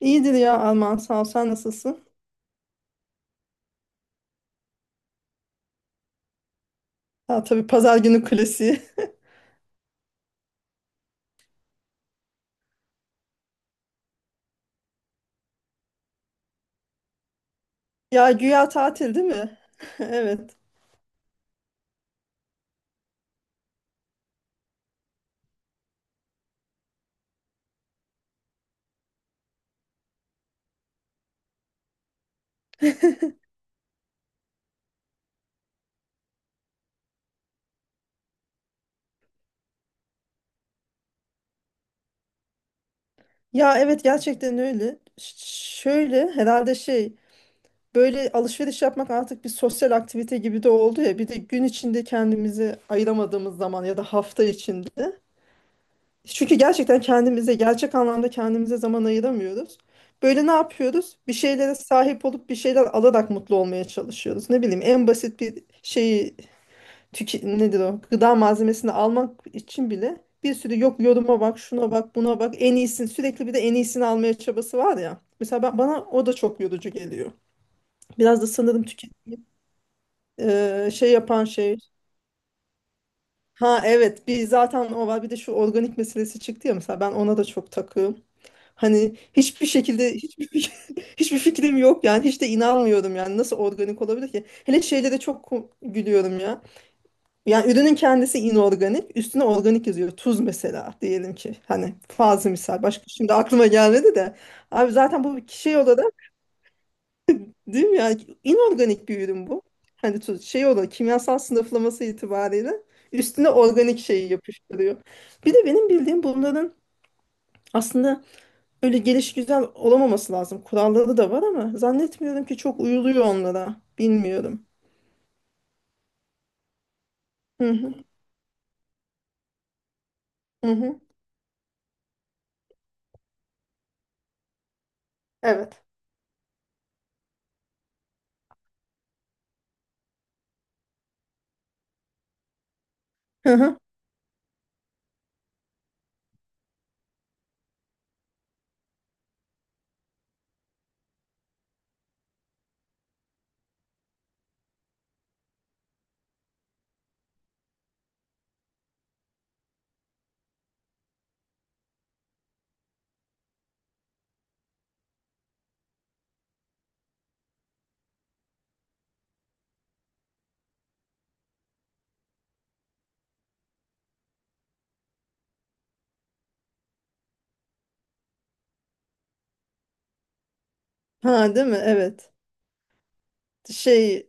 İyidir ya Alman sağ ol. Sen nasılsın? Ha, tabii pazar günü klasiği. Ya güya tatil değil mi? Evet. Ya evet gerçekten öyle. Şöyle herhalde, böyle alışveriş yapmak artık bir sosyal aktivite gibi de oldu ya. Bir de gün içinde kendimizi ayıramadığımız zaman ya da hafta içinde. Çünkü gerçekten kendimize gerçek anlamda kendimize zaman ayıramıyoruz. Böyle ne yapıyoruz? Bir şeylere sahip olup bir şeyler alarak mutlu olmaya çalışıyoruz. Ne bileyim en basit bir şeyi tüke, nedir o? Gıda malzemesini almak için bile bir sürü yok yoruma bak, şuna bak, buna bak, en iyisini sürekli bir de en iyisini almaya çabası var ya. Mesela ben, bana o da çok yorucu geliyor. Biraz da sanırım tüke, şey yapan şey. Ha evet, bir zaten o var, bir de şu organik meselesi çıktı ya, mesela ben ona da çok takığım. Hani hiçbir şekilde hiçbir fikrim yok yani, hiç de inanmıyorum yani, nasıl organik olabilir ki? Hele şeylere çok gülüyorum ya. Yani ürünün kendisi inorganik, üstüne organik yazıyor. Tuz mesela diyelim ki. Hani fazla misal. Başka şimdi aklıma gelmedi de. Abi zaten bu bir şey olarak değil mi yani, inorganik bir ürün bu. Hani tuz şey olarak kimyasal sınıflaması itibariyle üstüne organik şeyi yapıştırıyor. Bir de benim bildiğim bunların aslında öyle gelişigüzel olamaması lazım. Kuralları da var ama zannetmiyorum ki çok uyuluyor onlara. Bilmiyorum. Hı hı. Hı hı. Evet. Hı hı. Ha değil mi? Evet, şey.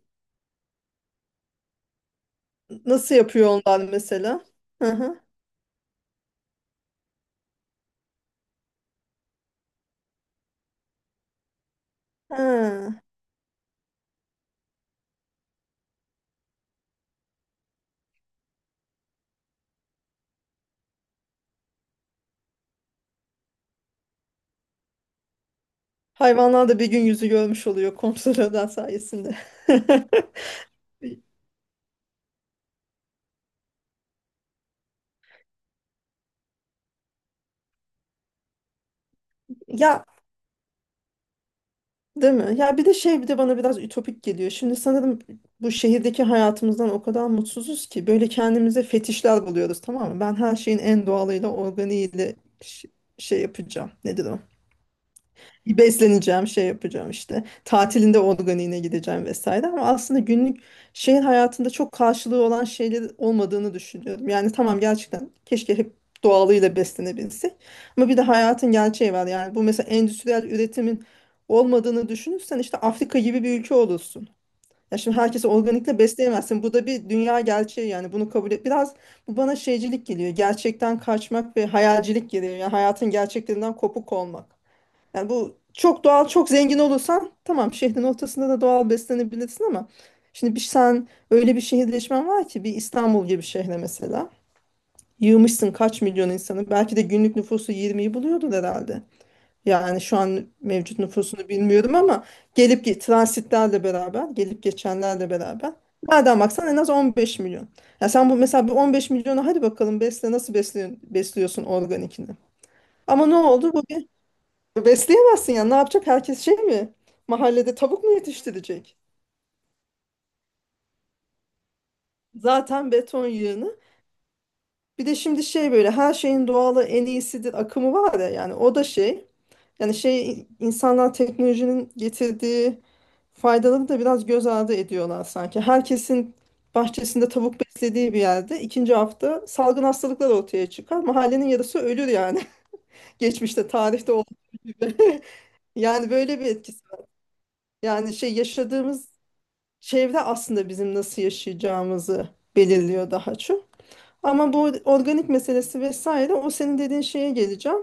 Nasıl yapıyor onlar mesela? Hı hı. Ha. Hayvanlar da bir gün yüzü görmüş oluyor kontrolörler sayesinde. Ya değil mi? Ya bir de şey, bir de bana biraz ütopik geliyor. Şimdi sanırım bu şehirdeki hayatımızdan o kadar mutsuzuz ki böyle kendimize fetişler buluyoruz, tamam mı? Ben her şeyin en doğalıyla, organiğiyle ş- şey yapacağım. Nedir o? Besleneceğim, şey yapacağım işte. Tatilinde organiğine gideceğim vesaire, ama aslında günlük şehir hayatında çok karşılığı olan şeyler olmadığını düşünüyorum. Yani tamam, gerçekten keşke hep doğalıyla beslenebilsek. Ama bir de hayatın gerçeği var. Yani bu mesela endüstriyel üretimin olmadığını düşünürsen işte Afrika gibi bir ülke olursun. Ya şimdi herkesi organikle besleyemezsin. Bu da bir dünya gerçeği yani, bunu kabul et. Biraz bu bana şeycilik geliyor. Gerçekten kaçmak ve hayalcilik geliyor. Yani hayatın gerçeklerinden kopuk olmak. Yani bu çok doğal, çok zengin olursan tamam, şehrin ortasında da doğal beslenebilirsin ama şimdi bir sen öyle bir şehirleşmen var ki, bir İstanbul gibi şehre mesela yığmışsın kaç milyon insanı, belki de günlük nüfusu 20'yi buluyordur herhalde. Yani şu an mevcut nüfusunu bilmiyorum ama transitlerle beraber, gelip geçenlerle beraber nereden baksan en az 15 milyon. Ya sen bu mesela bu 15 milyonu hadi bakalım besle, nasıl besliyorsun, besliyorsun organikini. Ama ne oldu? Bu, besleyemezsin ya. Ne yapacak? Herkes şey mi? Mahallede tavuk mu yetiştirecek? Zaten beton yığını. Bir de şimdi şey, böyle her şeyin doğalı en iyisidir akımı var ya, yani o da şey. Yani şey, insanlar teknolojinin getirdiği faydaları da biraz göz ardı ediyorlar sanki. Herkesin bahçesinde tavuk beslediği bir yerde ikinci hafta salgın hastalıklar ortaya çıkar. Mahallenin yarısı ölür yani. Geçmişte, tarihte olduğu gibi. Yani böyle bir etkisi var. Yani şey, yaşadığımız çevre aslında bizim nasıl yaşayacağımızı belirliyor daha çok. Ama bu organik meselesi vesaire, o senin dediğin şeye geleceğim.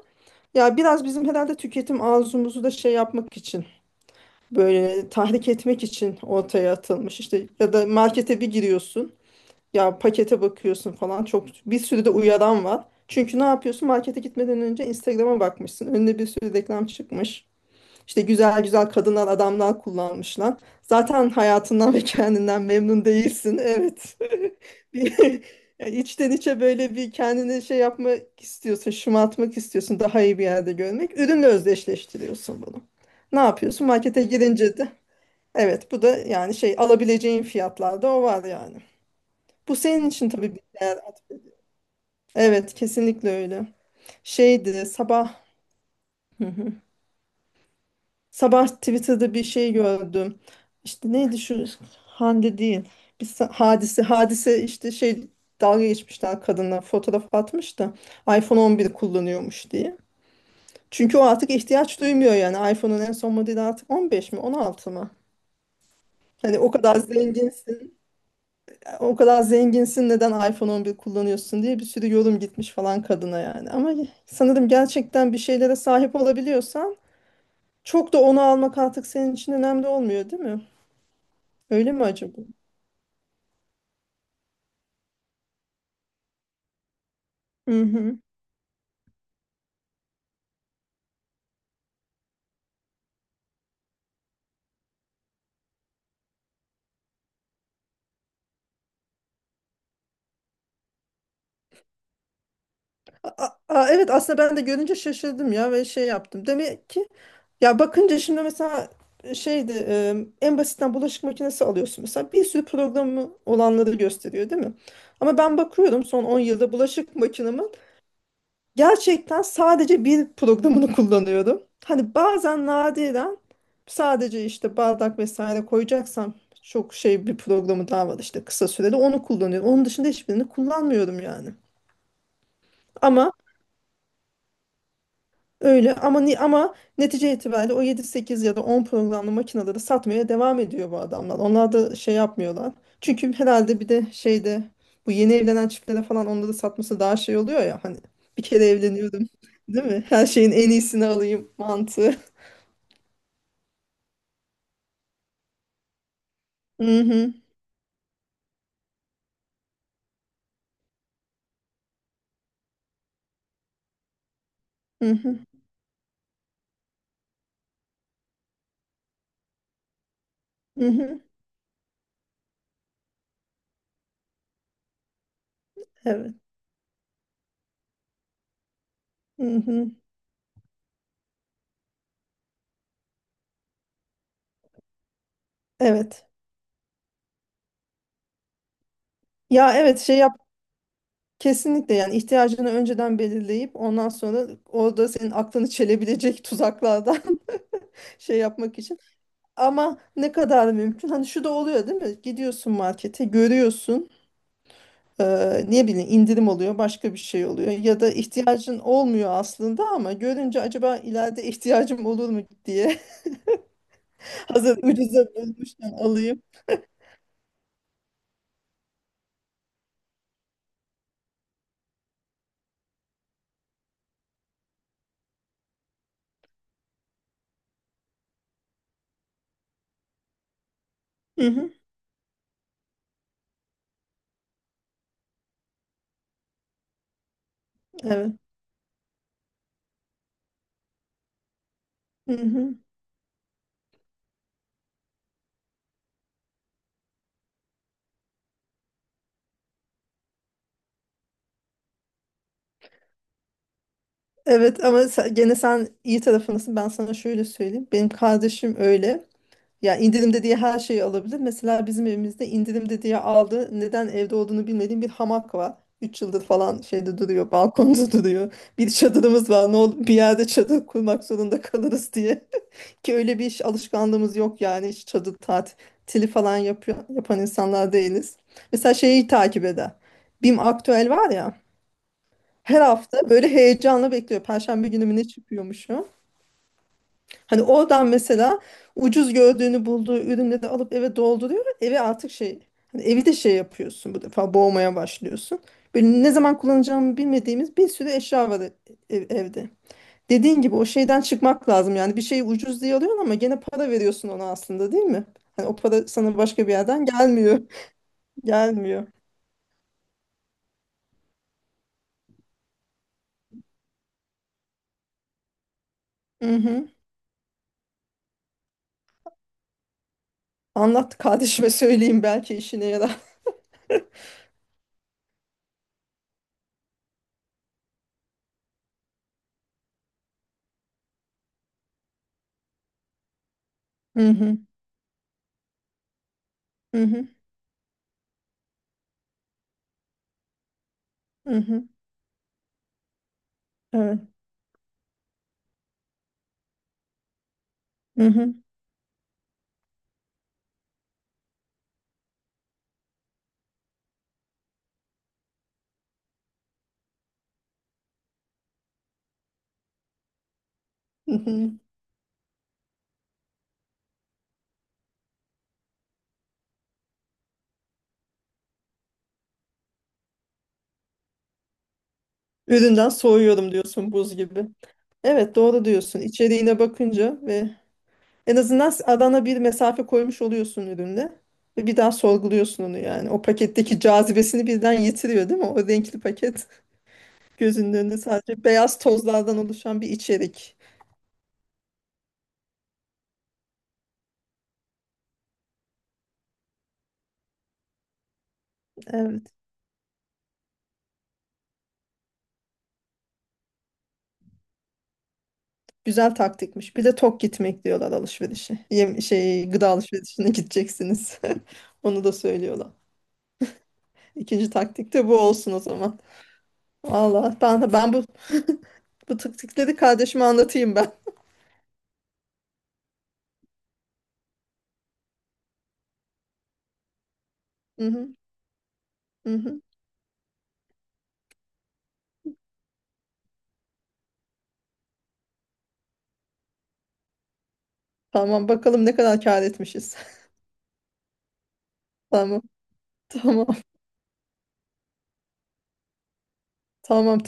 Ya biraz bizim herhalde tüketim arzumuzu da şey yapmak için, böyle tahrik etmek için ortaya atılmış. İşte ya da markete bir giriyorsun, ya pakete bakıyorsun falan, çok bir sürü de uyaran var. Çünkü ne yapıyorsun, markete gitmeden önce Instagram'a bakmışsın. Önüne bir sürü reklam çıkmış. İşte güzel güzel kadından adamdan kullanmışlar. Zaten hayatından ve kendinden memnun değilsin. Evet. Bir, yani içten içe böyle bir kendini şey yapmak istiyorsun, şımartmak istiyorsun, daha iyi bir yerde görmek. Ürünle özdeşleştiriyorsun bunu. Ne yapıyorsun? Markete girince de evet, bu da yani şey, alabileceğin fiyatlarda o var yani. Bu senin için tabii bir değer. Evet, kesinlikle öyle. Şeydi sabah. Hı hı. Sabah Twitter'da bir şey gördüm. İşte neydi şu, Hande değil. Hadise işte şey, dalga geçmişler kadına, fotoğraf atmış da iPhone 11 kullanıyormuş diye. Çünkü o artık ihtiyaç duymuyor yani. iPhone'un en son modeli artık 15 mi, 16 mı? Hani o kadar zenginsin, o kadar zenginsin, neden iPhone 11 kullanıyorsun diye bir sürü yorum gitmiş falan kadına yani. Ama sanırım gerçekten bir şeylere sahip olabiliyorsan çok da onu almak artık senin için önemli olmuyor, değil mi? Öyle mi acaba? Hı hı. Evet, aslında ben de görünce şaşırdım ya, ve şey yaptım. Demek ki, ya bakınca şimdi mesela şeydi, en basitten bulaşık makinesi alıyorsun mesela, bir sürü programı olanları gösteriyor değil mi? Ama ben bakıyorum son 10 yılda bulaşık makinemin gerçekten sadece bir programını kullanıyorum. Hani bazen nadiren sadece işte bardak vesaire koyacaksam, çok şey, bir programı daha var işte kısa süreli, onu kullanıyorum. Onun dışında hiçbirini kullanmıyorum yani. Ama öyle, ama ama netice itibariyle o yedi sekiz ya da 10 programlı makineleri satmaya devam ediyor bu adamlar. Onlar da şey yapmıyorlar. Çünkü herhalde bir de şeyde, bu yeni evlenen çiftlere falan onları satması daha şey oluyor ya, hani bir kere evleniyorum değil mi? Her şeyin en iyisini alayım mantığı. Hı hı, hı hı, hı hı. Evet. Hı hı. Evet. Ya evet, şey yap, kesinlikle yani ihtiyacını önceden belirleyip ondan sonra orada senin aklını çelebilecek tuzaklardan şey yapmak için. Ama ne kadar mümkün? Hani şu da oluyor değil mi? Gidiyorsun markete, görüyorsun, ne bileyim indirim oluyor, başka bir şey oluyor. Ya da ihtiyacın olmuyor aslında ama görünce acaba ileride ihtiyacım olur mu diye hazır ucuza bulmuşken alayım. Hı hı, evet. Hı hı. Evet ama gene sen iyi tarafındasın. Ben sana şöyle söyleyeyim. Benim kardeşim öyle. Ya indirimde diye her şeyi alabilir. Mesela bizim evimizde indirimde diye aldı. Neden evde olduğunu bilmediğim bir hamak var. 3 yıldır falan şeyde duruyor, balkonda duruyor. Bir çadırımız var. Ne olur bir yerde çadır kurmak zorunda kalırız diye. Ki öyle bir iş alışkanlığımız yok yani. Hiç çadır tatili falan yapıyor, yapan insanlar değiliz. Mesela şeyi takip eder. BİM Aktüel var ya. Her hafta böyle heyecanla bekliyor. Perşembe günü mü ne çıkıyormuşu? Hani oradan mesela ucuz gördüğünü bulduğu ürünleri alıp eve dolduruyor. Eve artık şey, hani evi de şey yapıyorsun bu defa, boğmaya başlıyorsun. Böyle ne zaman kullanacağımı bilmediğimiz bir sürü eşya var evde. Dediğin gibi o şeyden çıkmak lazım. Yani bir şeyi ucuz diye alıyorsun ama gene para veriyorsun ona aslında, değil mi? Hani o para sana başka bir yerden gelmiyor. Gelmiyor. Hı hı. Anlat kardeşime söyleyeyim belki işine yarar. Hı hı. Hı hı. Hı hı. Evet. Hı hı. Hı hı. Üründen soğuyorum diyorsun, buz gibi. Evet, doğru diyorsun. İçeriğine bakınca ve en azından arana bir mesafe koymuş oluyorsun ürünle. Ve bir daha sorguluyorsun onu yani. O paketteki cazibesini birden yitiriyor değil mi? O renkli paket gözünün önünde sadece beyaz tozlardan oluşan bir içerik. Evet. Güzel taktikmiş. Bir de tok gitmek diyorlar alışverişe. Yem şey, gıda alışverişine gideceksiniz. Onu da söylüyorlar. İkinci taktik de bu olsun o zaman. Allah, ben de ben bu bu tık tıkları kardeşime anlatayım ben. Hı hı, hı hı. Tamam bakalım ne kadar kâr etmişiz. Tamam. Tamam. Tamam.